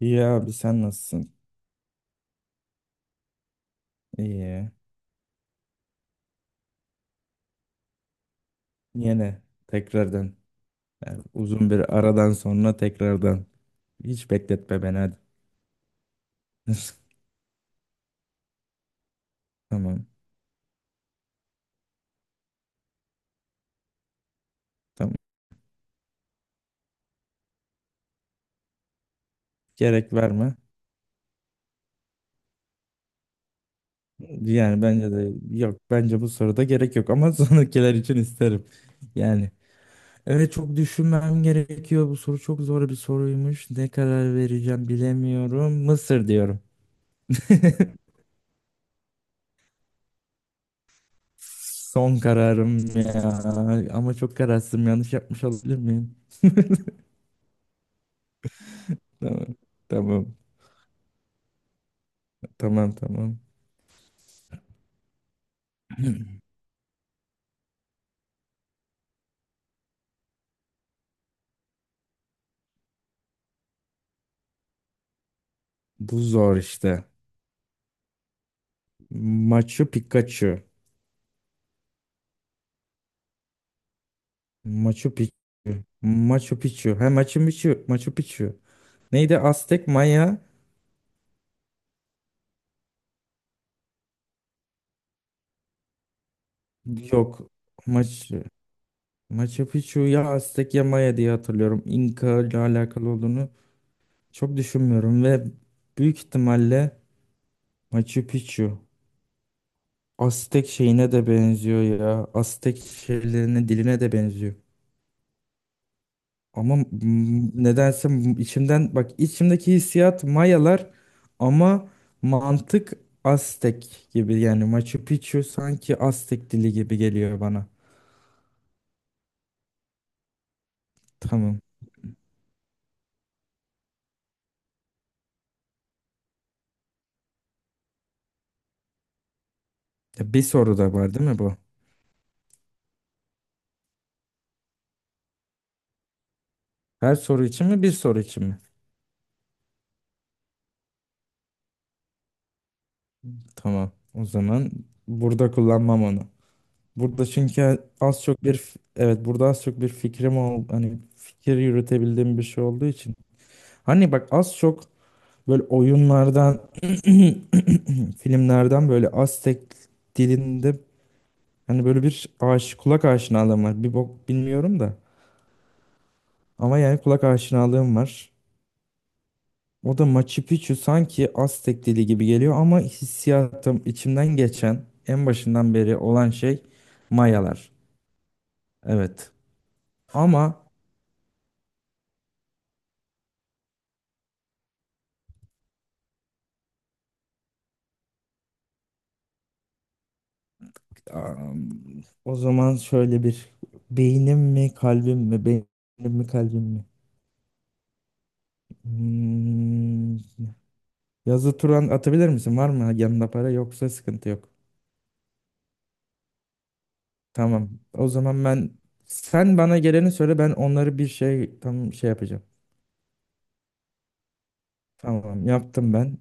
İyi abi sen nasılsın? İyi. Yine tekrardan. Yani uzun bir aradan sonra tekrardan. Hiç bekletme beni hadi. Tamam. Tamam. Gerek verme. Yani bence de yok. Bence bu soruda gerek yok ama sonrakiler için isterim. Yani evet, çok düşünmem gerekiyor. Bu soru çok zor bir soruymuş. Ne karar vereceğim bilemiyorum. Mısır diyorum. Son kararım ya. Ama çok kararsızım. Yanlış yapmış olabilir miyim? Tamam. Tamam. Tamam. Bu zor işte. Machu Picchu. Machu Picchu. Machu Picchu. Ha Machu Picchu. Machu Picchu. Neydi? Aztek, Maya. Yok. Machu. Machu Picchu ya Aztek ya Maya diye hatırlıyorum. İnka ile alakalı olduğunu çok düşünmüyorum ve büyük ihtimalle Machu Picchu. Aztek şeyine de benziyor ya. Aztek şeylerine, diline de benziyor. Ama nedense içimden bak içimdeki hissiyat Mayalar ama mantık Aztek gibi, yani Machu Picchu sanki Aztek dili gibi geliyor bana. Tamam. Ya bir soru da var değil mi bu? Her soru için mi bir soru için mi? Tamam. O zaman burada kullanmam onu. Burada çünkü az çok bir evet burada az çok bir fikrim ol hani fikir yürütebildiğim bir şey olduğu için. Hani bak az çok böyle oyunlardan filmlerden böyle Aztek dilinde hani böyle bir kulak aşinalığım var. Bir bok bilmiyorum da. Ama yani kulak aşinalığım var. O da Machu Picchu sanki Aztek dili gibi geliyor ama hissiyatım içimden geçen en başından beri olan şey Mayalar. Evet. Ama am, o zaman şöyle bir beynim mi kalbim mi? Hmm, yazı Turan atabilir misin? Var mı yanında para, yoksa sıkıntı yok. Tamam. O zaman ben sen bana geleni söyle, ben onları bir şey tam şey yapacağım. Tamam, yaptım ben.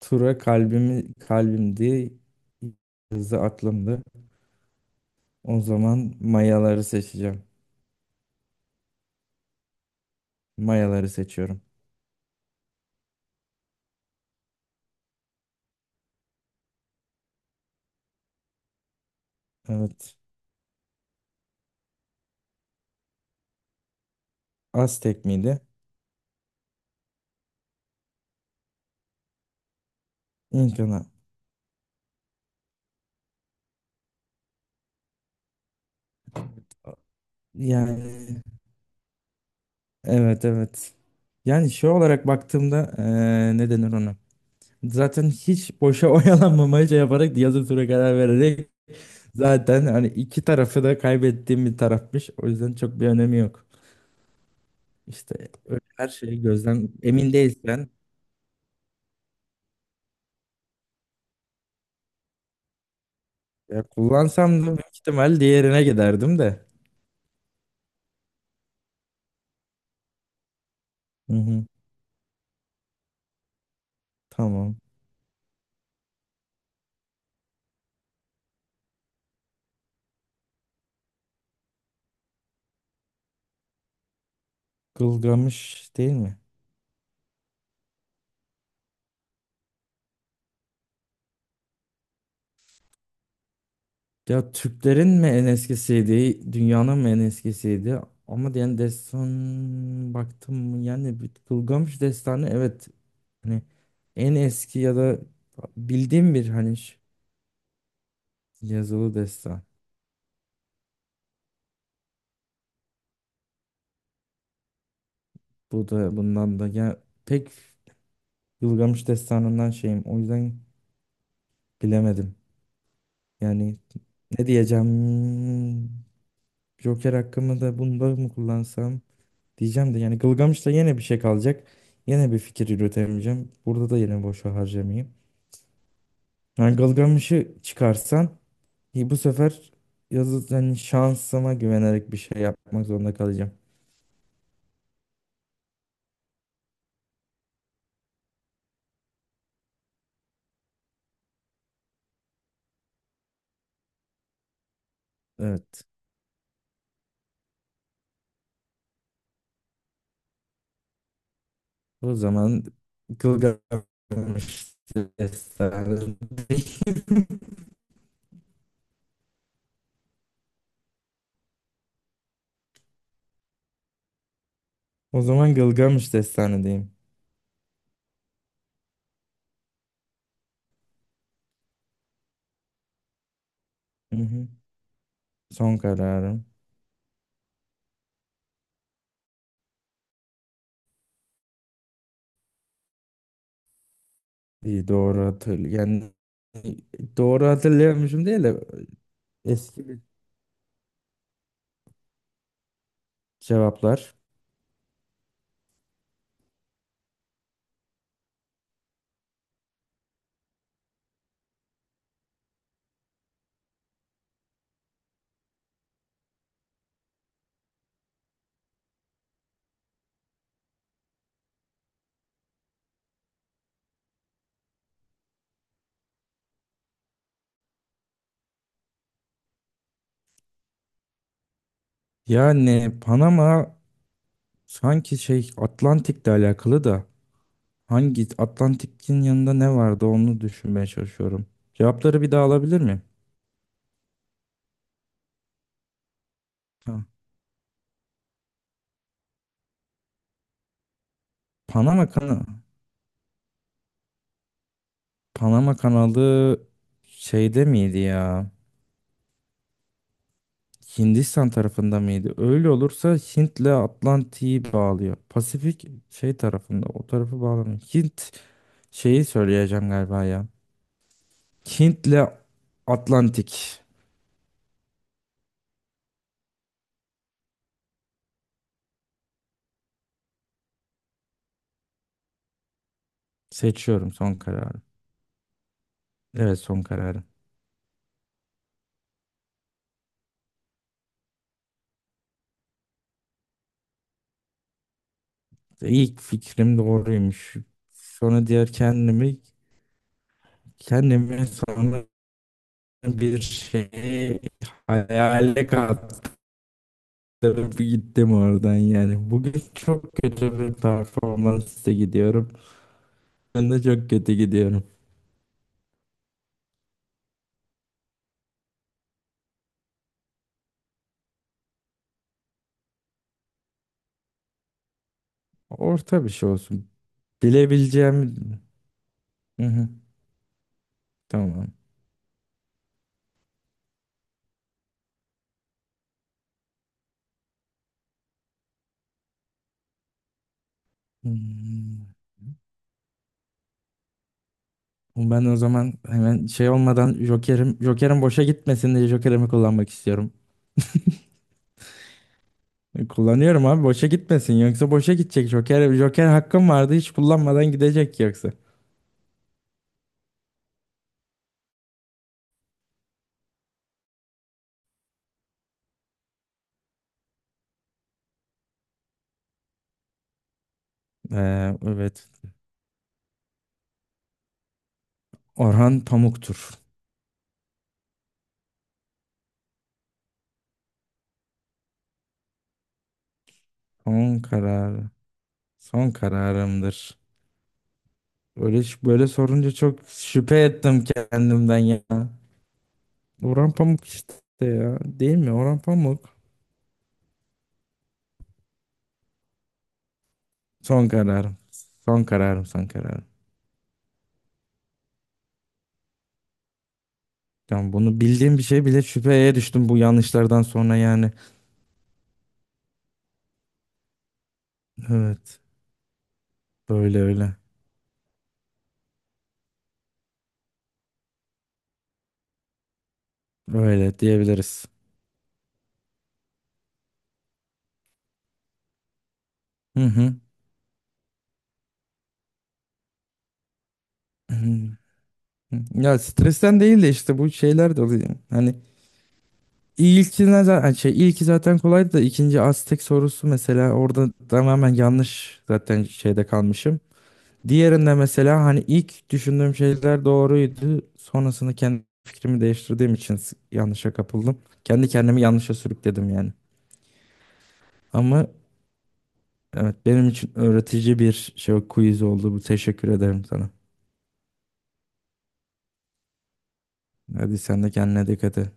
Tura, kalbimi, kalbimdi. Hızı aklımdı. O zaman mayaları seçeceğim. Mayaları seçiyorum. Evet. Aztek miydi? İnkana. Yani evet. Yani şey olarak baktığımda ne denir ona? Zaten hiç boşa oyalanmamaya şey yaparak yazı tura karar vererek. Zaten hani iki tarafı da kaybettiğim bir tarafmış. O yüzden çok bir önemi yok. İşte öyle her şeyi gözden emin değilsen ya kullansam da büyük ihtimal diğerine giderdim de. Hı hı, tamam. Gılgamış değil mi? Ya Türklerin mi en eskisiydi, dünyanın mı en eskisiydi? Ama yani destan baktım mı, yani bir Gılgamış destanı evet, hani en eski ya da bildiğim bir hani yazılı destan. Bu da bundan da ya pek Gılgamış Destanı'ndan şeyim. O yüzden bilemedim. Yani ne diyeceğim? Joker hakkımı da bunda mı kullansam diyeceğim de yani Gılgamış'ta yine bir şey kalacak. Yine bir fikir yürütemeyeceğim. Burada da yine boşa harcamayayım. Yani Gılgamış'ı çıkarsan iyi, bu sefer yazı, yani şansıma güvenerek bir şey yapmak zorunda kalacağım. Evet. O zaman Gılgamış Destanı. O zaman Gılgamış Destanı'deyim. Hı hı. Son kararım. İyi, doğru hatırlı. Yani doğru hatırlayamıyorum değil de eski bir cevaplar. Yani Panama sanki şey Atlantik'le alakalı da hangi Atlantik'in yanında ne vardı onu düşünmeye çalışıyorum. Cevapları bir daha alabilir miyim? Ha. Panama kanalı. Panama kanalı şeyde miydi ya? Hindistan tarafında mıydı? Öyle olursa Hint'le Atlantik'i bağlıyor. Pasifik şey tarafında, o tarafı bağlamıyor. Hint şeyi söyleyeceğim galiba ya. Hint'le Atlantik seçiyorum, son kararım. Evet, son kararım. İlk fikrim doğruymuş. Sonra diğer kendimi sonra bir şey hayale kaptırıp gittim oradan yani. Bugün çok kötü bir performansla gidiyorum. Ben de çok kötü gidiyorum. Orta bir şey olsun. Bilebileceğim... Hı hı, tamam. Hmm. Ben o zaman hemen şey olmadan Joker'im boşa gitmesin diye Joker'imi kullanmak istiyorum. Kullanıyorum abi, boşa gitmesin, yoksa boşa gidecek. Joker hakkım vardı, hiç kullanmadan gidecek yoksa. Evet. Orhan Pamuk'tur. Son kararı. Son kararımdır. Böyle böyle sorunca çok şüphe ettim kendimden ya. Orhan Pamuk işte ya. Değil mi? Orhan Pamuk. Son kararım. Son kararım. Tamam, bunu bildiğim bir şey bile şüpheye düştüm bu yanlışlardan sonra yani. Evet. Böyle öyle. Öyle diyebiliriz. Hı hı. Hı hı. Ya stresten değil de işte bu şeyler de oluyor. Hani ilkine zaten şey, ilki zaten kolaydı da ikinci Aztek sorusu mesela orada tamamen yanlış, zaten şeyde kalmışım. Diğerinde mesela hani ilk düşündüğüm şeyler doğruydu. Sonrasında kendi fikrimi değiştirdiğim için yanlışa kapıldım. Kendi kendimi yanlışa sürükledim yani. Ama evet, benim için öğretici bir şey quiz oldu bu. Teşekkür ederim sana. Hadi sen de kendine dikkat et.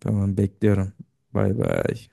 Tamam, bekliyorum. Bay bay.